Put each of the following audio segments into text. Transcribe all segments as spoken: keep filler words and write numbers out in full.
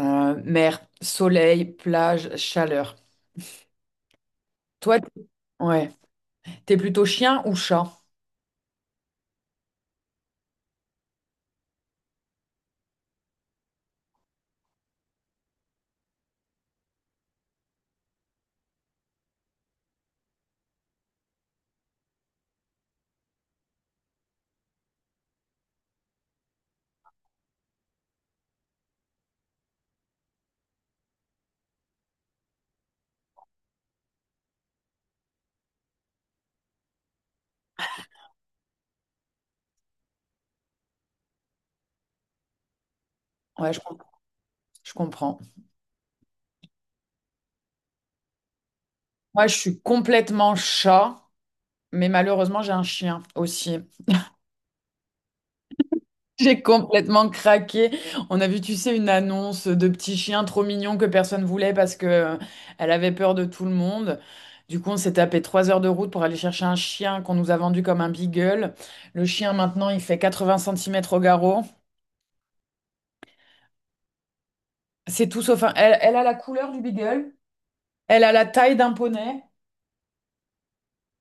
Euh, mer, soleil, plage, chaleur. Toi, t- ouais, t'es plutôt chien ou chat? Ouais, je, com- je comprends. Moi, je suis complètement chat, mais malheureusement, j'ai un chien aussi. J'ai complètement craqué. On a vu, tu sais, une annonce de petit chien trop mignon que personne voulait parce que euh, elle avait peur de tout le monde. Du coup, on s'est tapé trois heures de route pour aller chercher un chien qu'on nous a vendu comme un beagle. Le chien, maintenant, il fait quatre-vingts centimètres au garrot. C'est tout sauf un... Elle, elle a la couleur du beagle, elle a la taille d'un poney.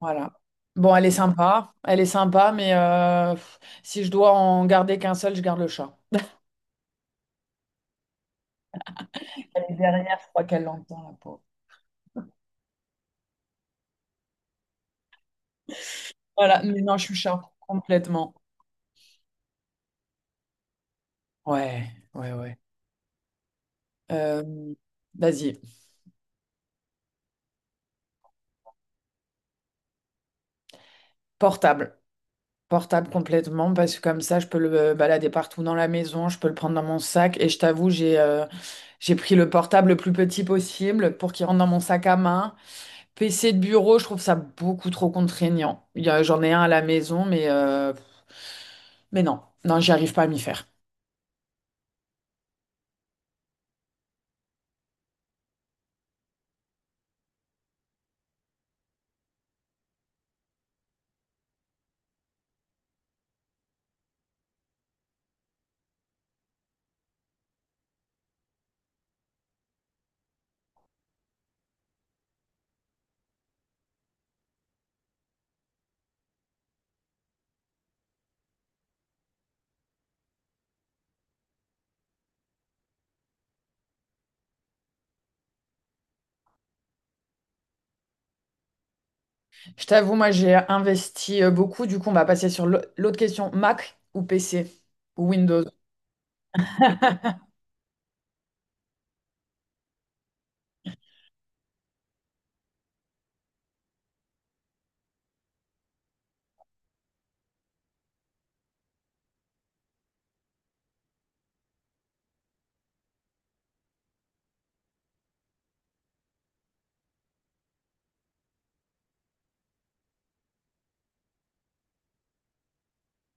Voilà. Bon, elle est sympa. Elle est sympa, mais euh, pff, si je dois en garder qu'un seul, je garde le chat. Elle est derrière, je crois qu'elle l'entend, la pauvre. Voilà, mais non, je suis chat, complètement. Ouais, ouais, ouais. Euh, Vas-y, portable. Portable complètement, parce que comme ça, je peux le euh, balader partout dans la maison, je peux le prendre dans mon sac. Et je t'avoue, j'ai euh, j'ai pris le portable le plus petit possible pour qu'il rentre dans mon sac à main. P C de bureau, je trouve ça beaucoup trop contraignant. Il y a- J'en ai un à la maison, mais, euh, mais non, non, j'y arrive pas à m'y faire. Je t'avoue, moi, j'ai investi euh, beaucoup. Du coup, on va passer sur l'au- l'autre question. Mac ou P C ou Windows?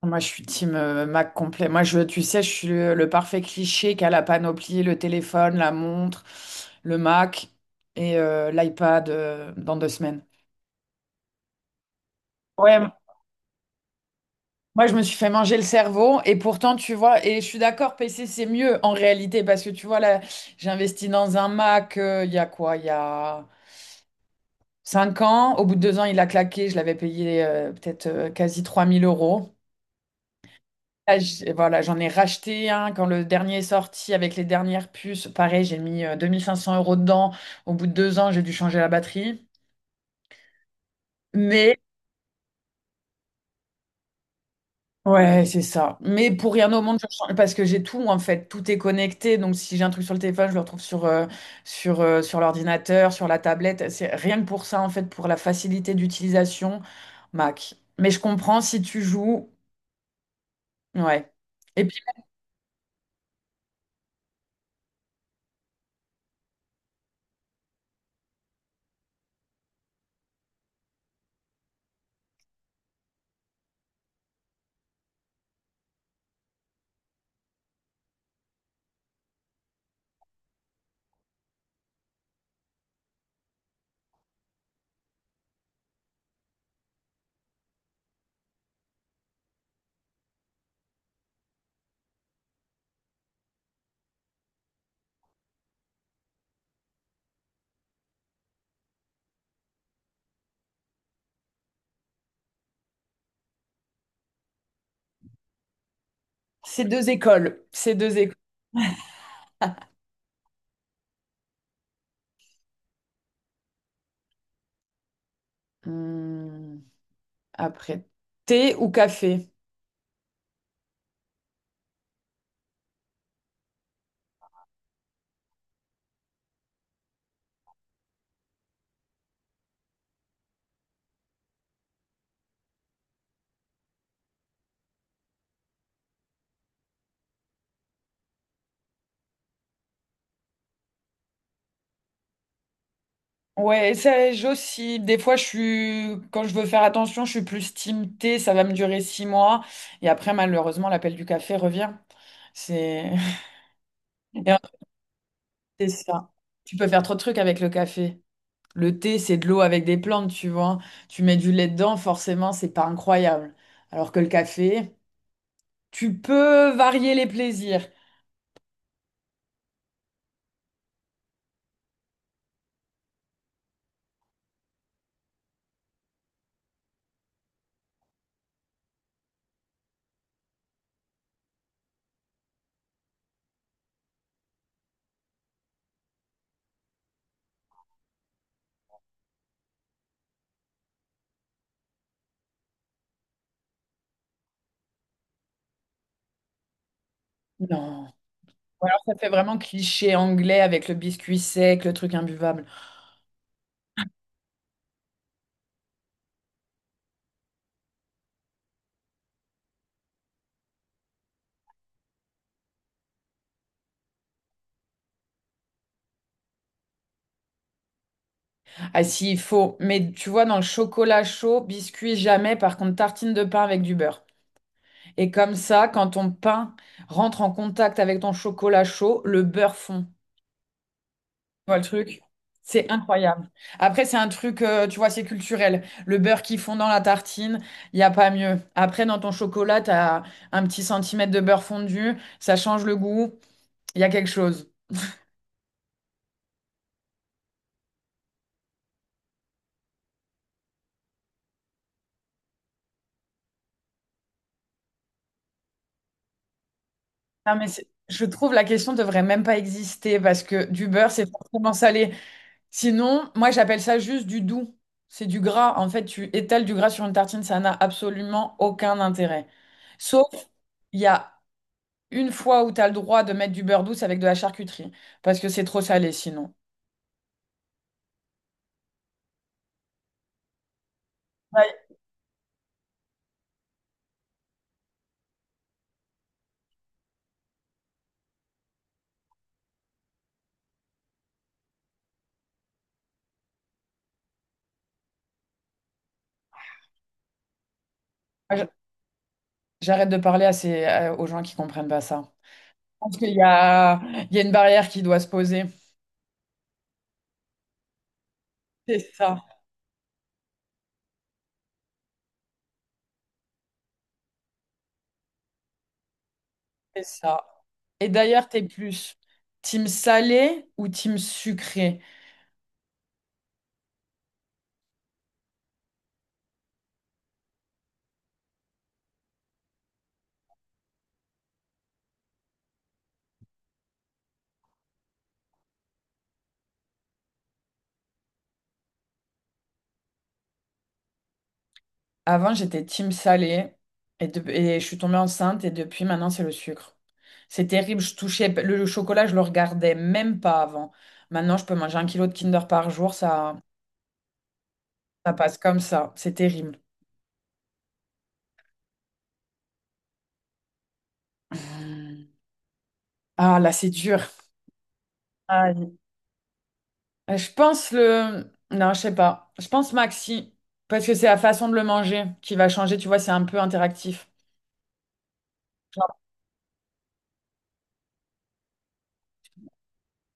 Moi, je suis team euh, Mac complet. Moi, je, tu sais, je suis le, le parfait cliché qui a la panoplie, le téléphone, la montre, le Mac et euh, l'iPad euh, dans deux semaines. Ouais, moi, je me suis fait manger le cerveau et pourtant, tu vois, et je suis d'accord, P C, c'est mieux en réalité parce que tu vois, là, j'ai investi dans un Mac euh, il y a quoi? Il y a cinq ans. Au bout de deux ans, il a claqué. Je l'avais payé euh, peut-être euh, quasi trois mille euros. Là, j'- voilà, j'en ai racheté un quand le dernier est sorti avec les dernières puces. Pareil, j'ai mis euh, deux mille cinq cents euros dedans. Au bout de deux ans, j'ai dû changer la batterie. Mais ouais, c'est ça. Mais pour rien au monde, je change- parce que j'ai tout en fait, tout est connecté. Donc si j'ai un truc sur le téléphone, je le retrouve sur euh, sur euh, sur l'ordinateur, sur la tablette. C'est rien que pour ça en fait, pour la facilité d'utilisation, Mac. Mais je comprends si tu joues, ouais. Et puis ces deux écoles, ces deux écoles. Hum, après, thé ou café? Ouais, ça, j'oscille. Des fois, je suis, quand je veux faire attention, je suis plus team thé, ça va me durer six mois. Et après, malheureusement, l'appel du café revient. C'est et en fait, c'est ça. Tu peux faire trop de trucs avec le café. Le thé, c'est de l'eau avec des plantes, tu vois. Tu mets du lait dedans, forcément, c'est pas incroyable. Alors que le café, tu peux varier les plaisirs. Non. Ou alors, ça fait vraiment cliché anglais avec le biscuit sec, le truc imbuvable. Ah si, il faut. Mais tu vois, dans le chocolat chaud, biscuit jamais, par contre, tartine de pain avec du beurre. Et comme ça, quand ton pain rentre en contact avec ton chocolat chaud, le beurre fond. Tu vois le truc? C'est incroyable. Après, c'est un truc, euh, tu vois, c'est culturel. Le beurre qui fond dans la tartine, il n'y a pas mieux. Après, dans ton chocolat, tu as un petit centimètre de beurre fondu, ça change le goût, il y a quelque chose. Non, mais c'est- je trouve la question devrait même pas exister parce que du beurre, c'est forcément salé. Sinon, moi j'appelle ça juste du doux. C'est du gras. En fait, tu étales du gras sur une tartine, ça n'a absolument aucun intérêt. Sauf, il y a une fois où tu as le droit de mettre du beurre douce avec de la charcuterie, parce que c'est trop salé sinon. Ouais. Moi, j'arrête de parler à ces- à- aux gens qui comprennent pas ça. Je pense qu'il y a, il y a une barrière qui doit se poser. C'est ça, c'est ça. Et d'ailleurs, t'es plus team salé ou team sucré? Avant, j'étais team salé et, de- et je suis tombée enceinte et depuis maintenant, c'est le sucre. C'est terrible, je touchais le, le chocolat, je le regardais même pas avant. Maintenant, je peux manger un kilo de Kinder par jour, ça, ça passe comme ça. C'est terrible. Mmh. Ah là, c'est dur. Aïe. Euh, Je pense le... Non, je sais pas. Je pense Maxi parce que c'est la façon de le manger qui va changer, tu vois, c'est un peu interactif. Genre,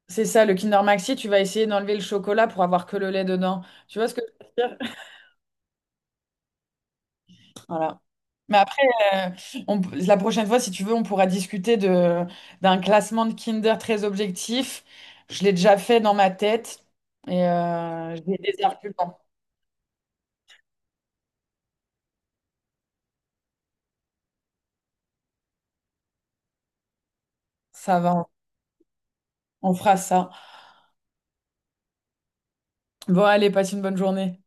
c'est ça, le Kinder Maxi, tu vas essayer d'enlever le chocolat pour avoir que le lait dedans. Tu vois ce que je veux dire? Voilà. Mais après, euh, on la prochaine fois, si tu veux, on pourra discuter de, d'un classement de Kinder très objectif. Je l'ai déjà fait dans ma tête et euh, j'ai des arguments. Ça va, on fera ça. Bon, allez, passe une bonne journée.